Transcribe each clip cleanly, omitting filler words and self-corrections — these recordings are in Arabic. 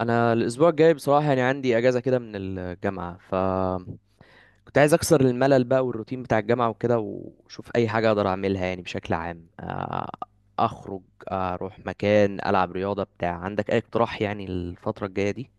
انا الاسبوع الجاي بصراحه عندي اجازه كده من الجامعه ف كنت عايز اكسر الملل بقى والروتين بتاع الجامعه وكده واشوف اي حاجه اقدر اعملها يعني بشكل عام اخرج. اروح مكان العب رياضه. بتاع عندك اي اقتراح يعني الفتره الجايه دي؟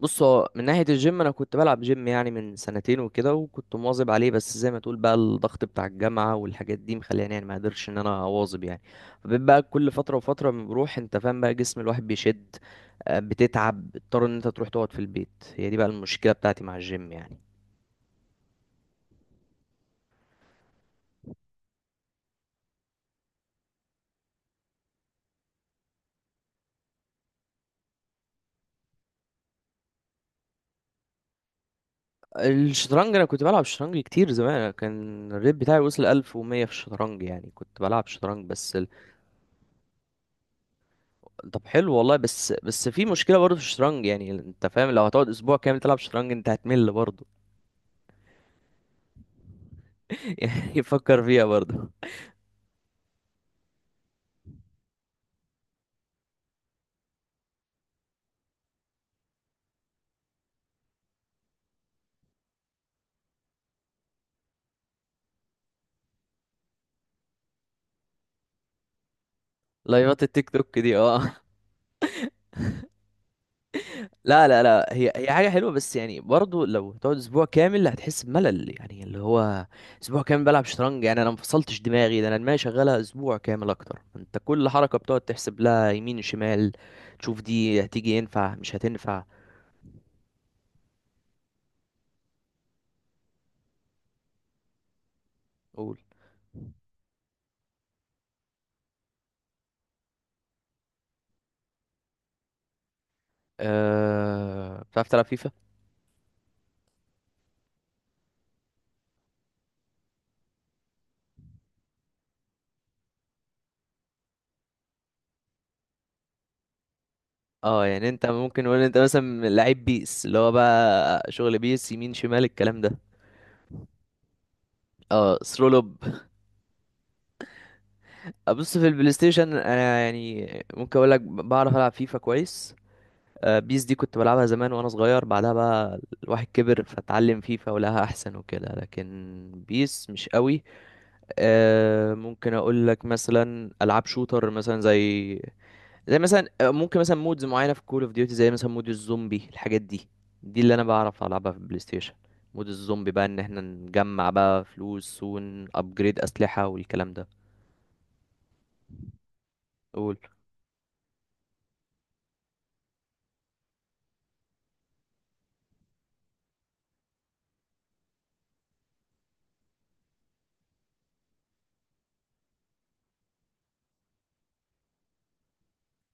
بص، هو من ناحية الجيم أنا كنت بلعب جيم يعني من سنتين وكده، وكنت مواظب عليه، بس زي ما تقول بقى الضغط بتاع الجامعة والحاجات دي مخليني يعني ما قدرتش إن أنا أواظب يعني. فبقيت بقى كل فترة وفترة بنروح، أنت فاهم بقى جسم الواحد بيشد، بتتعب، بتضطر إن أنت تروح تقعد في البيت. هي دي بقى المشكلة بتاعتي مع الجيم يعني. الشطرنج أنا كنت بلعب شطرنج كتير زمان، أنا كان الريت بتاعي وصل 1100 في الشطرنج، يعني كنت بلعب شطرنج بس. طب حلو والله، بس في مشكله برضه في الشطرنج، يعني انت فاهم لو هتقعد اسبوع كامل تلعب شطرنج انت هتمل برضه. يعني فكر فيها برضه. لايفات التيك توك دي، اه. لا لا لا، هي حاجه حلوه، بس يعني برضه لو هتقعد اسبوع كامل هتحس بملل، يعني اللي هو اسبوع كامل بلعب شطرنج، يعني انا ما فصلتش دماغي. ده انا دماغي شغاله اسبوع كامل اكتر، انت كل حركه بتقعد تحسب لها يمين شمال، تشوف دي هتيجي ينفع مش هتنفع. قول. أه... بتعرف تلعب فيفا؟ اه، يعني انت ممكن نقول انت مثلا لعيب بيس، اللي هو بقى شغل بيس يمين شمال الكلام ده. اه، ثرو لوب. ابص في البلاي ستيشن انا يعني ممكن اقول لك بعرف العب فيفا كويس. بيس دي كنت بلعبها زمان وانا صغير، بعدها بقى الواحد كبر فتعلم فيفا ولها احسن وكده، لكن بيس مش قوي. ممكن اقول لك مثلا العاب شوتر، مثلا زي زي مثلا ممكن مثلا مودز معينه في كول اوف ديوتي، زي مثلا مود الزومبي، الحاجات دي. دي اللي انا بعرف العبها في البلاي ستيشن. مود الزومبي بقى، ان احنا نجمع بقى فلوس ونابجريد اسلحه والكلام ده. قول.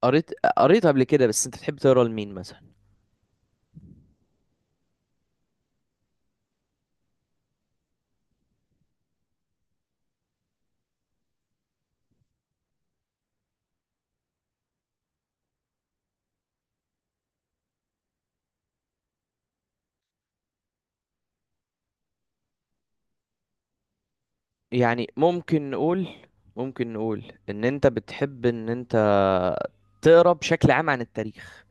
قريت قبل كده، بس انت بتحب تقرا لمين مثلا؟ يعني ممكن نقول، ممكن نقول ان انت بتحب ان انت تقرا بشكل عام عن التاريخ.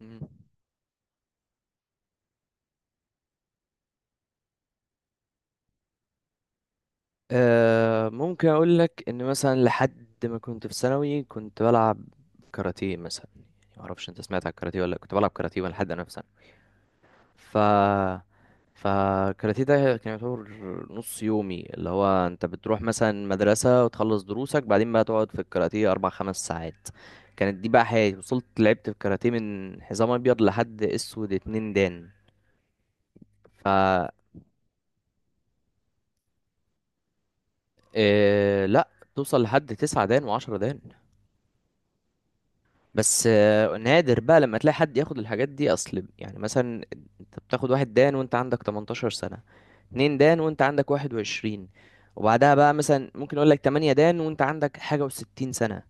مم. آه، ممكن اقول لك ان مثلا لحد ما كنت في ثانوي كنت بلعب كاراتيه مثلا. ما اعرفش انت سمعت على الكاراتيه ولا لأ، كنت بلعب كاراتيه وانا لحد انا في ثانوي. ف فالكاراتيه ده كان يعتبر نص يومي، اللي هو انت بتروح مثلا مدرسة وتخلص دروسك، بعدين بقى تقعد في الكاراتيه اربع خمس ساعات. كانت دي بقى حياتي. وصلت لعبت في الكاراتيه من حزام ابيض لحد اسود اتنين دان. ف آه لا، توصل لحد تسعة دان وعشرة دان. بس نادر بقى لما تلاقي حد ياخد الحاجات دي، اصل يعني مثلا انت بتاخد واحد دان وانت عندك 18 سنة، اتنين دان وانت عندك 21، وبعدها بقى مثلا ممكن اقول لك 8 دان وانت عندك حاجة و60 سنة.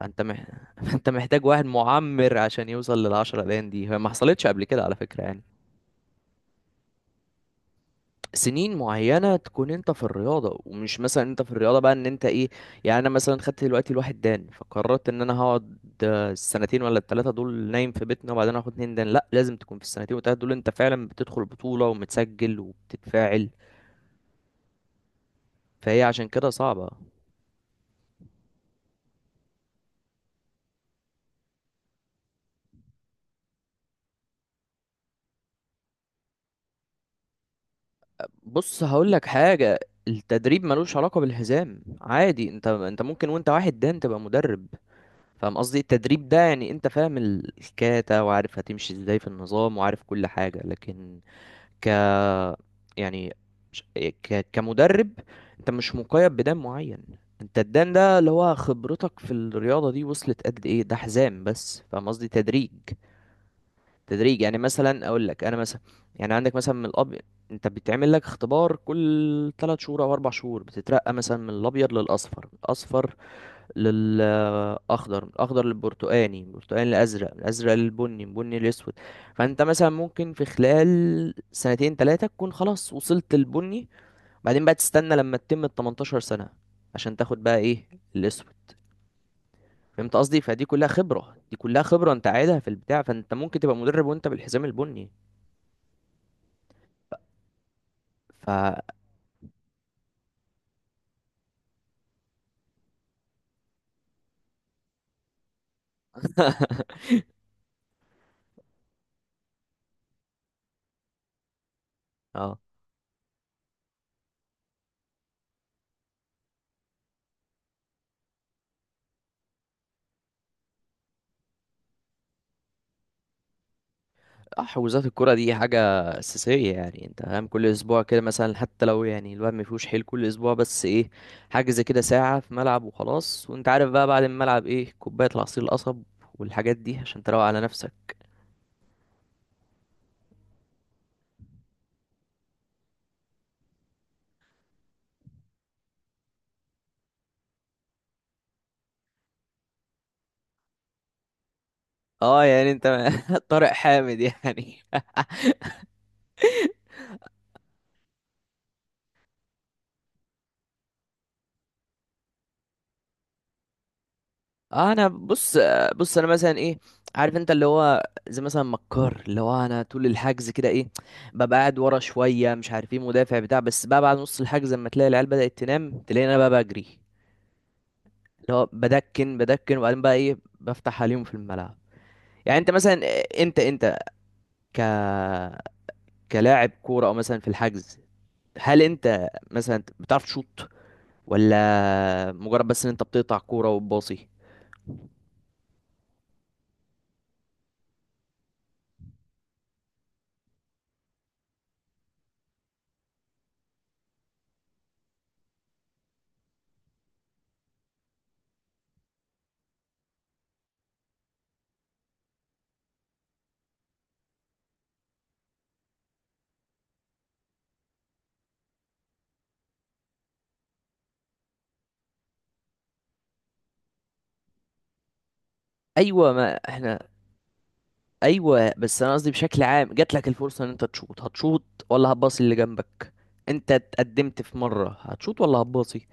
فانت مح... فانت محتاج واحد معمر عشان يوصل للعشرة دان دي. هي ما حصلتش قبل كده على فكرة يعني. سنين معينة تكون انت في الرياضة، ومش مثلا انت في الرياضة بقى ان انت ايه، يعني انا مثلا خدت دلوقتي الواحد دان فقررت ان انا هقعد السنتين ولا التلاتة دول نايم في بيتنا وبعدين هاخد اتنين دان. لا، لازم تكون في السنتين والتلاتة دول انت فعلا بتدخل بطولة ومتسجل وبتتفاعل. فهي عشان كده صعبة. بص هقول لك حاجة. التدريب ملوش علاقة بالحزام، عادي انت ممكن وانت واحد دان تبقى مدرب. فاهم قصدي؟ التدريب ده يعني انت فاهم ال- الكاتا وعارف هتمشي ازاي في النظام وعارف كل حاجة، لكن ك يعني مش- ك... كمدرب انت مش مقيد بدان معين. انت الدان ده اللي هو خبرتك في الرياضة دي وصلت قد ايه، ده حزام بس. فاهم قصدي؟ تدريج، تدريج يعني مثلا اقول لك انا مثلا يعني عندك مثلا من الاب، انت بيتعمل لك اختبار كل 3 شهور او 4 شهور، بتترقى مثلا من الابيض للاصفر، الاصفر للاخضر، من الاخضر للبرتقاني، من البرتقاني للازرق، من الازرق للبني، من البني للاسود. فانت مثلا ممكن في خلال سنتين ثلاثه تكون خلاص وصلت للبني، بعدين بقى تستنى لما تتم ال 18 سنه عشان تاخد بقى ايه، الاسود. فهمت قصدي؟ فدي كلها خبره انت عايزها في البتاع، فانت ممكن تبقى مدرب وانت بالحزام البني. ف اه حجوزات الكرة دي حاجة أساسية يعني. أنت فاهم كل أسبوع كده مثلا، حتى لو يعني الواحد مفيهوش حيل كل أسبوع بس إيه، حجز كده ساعة في ملعب وخلاص. وأنت عارف بقى بعد الملعب إيه، كوباية العصير القصب والحاجات دي عشان تروق على نفسك. أه يعني أنت طارق حامد يعني. آه أنا بص، بص أنا مثلا إيه، عارف أنت اللي هو زي مثلا مكار، اللي هو أنا طول الحجز كده إيه، ببقى قاعد ورا شوية، مش عارف إيه، مدافع بتاع، بس بقى بعد نص الحجز لما تلاقي العيال بدأت تنام تلاقيني أنا بقى بجري، اللي هو بدكن بدكن، وبعدين بقى ايه، بفتح عليهم في الملعب. يعني انت مثلا، انت انت ك كلاعب كورة، او مثلا في الحجز، هل انت مثلا بتعرف تشوط، ولا مجرد بس ان انت بتقطع كورة وتباصي؟ ايوه ما احنا، ايوه بس انا قصدي بشكل عام، جات لك الفرصة ان انت تشوط، هتشوط ولا هتباصي اللي جنبك؟ انت اتقدمت في مرة، هتشوط ولا هتباصي؟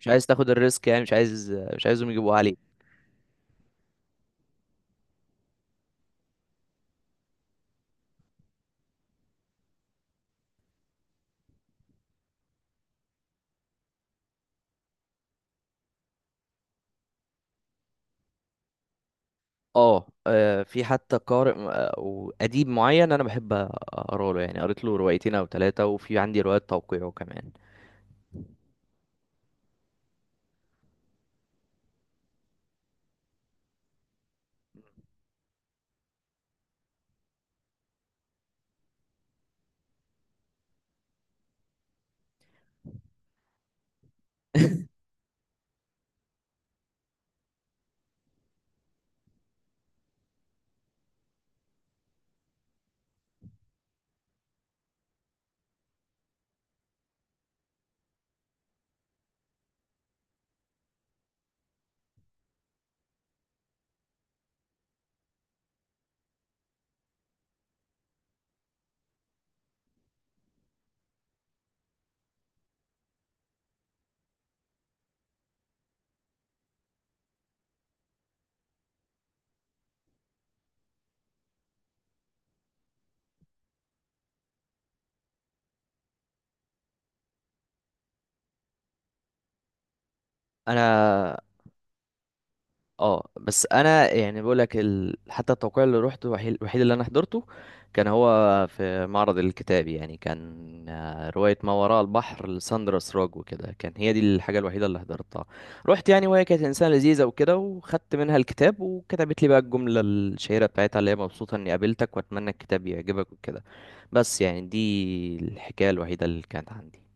مش عايز تاخد الريسك يعني، مش عايزهم يجيبوا عليك. اه، في حتى قارئ م- آه، وأديب معين أنا بحب أقرأ له، يعني قريت له روايتين أو ثلاثة وفي عندي روايات توقيعه كمان. أنا اه، بس انا يعني بقول لك ال... حتى التوقيع اللي روحته، الوحيد اللي انا حضرته، كان هو في معرض الكتاب يعني، كان رواية ما وراء البحر لساندرا سراج وكده، كان هي دي الحاجة الوحيدة اللي حضرتها. رحت يعني، وهي كانت انسانة لذيذة وكده، وخدت منها الكتاب وكتبت لي بقى الجملة الشهيرة بتاعتها، اللي هي مبسوطة اني قابلتك واتمنى الكتاب يعجبك وكده. بس يعني دي الحكاية الوحيدة اللي كانت عندي.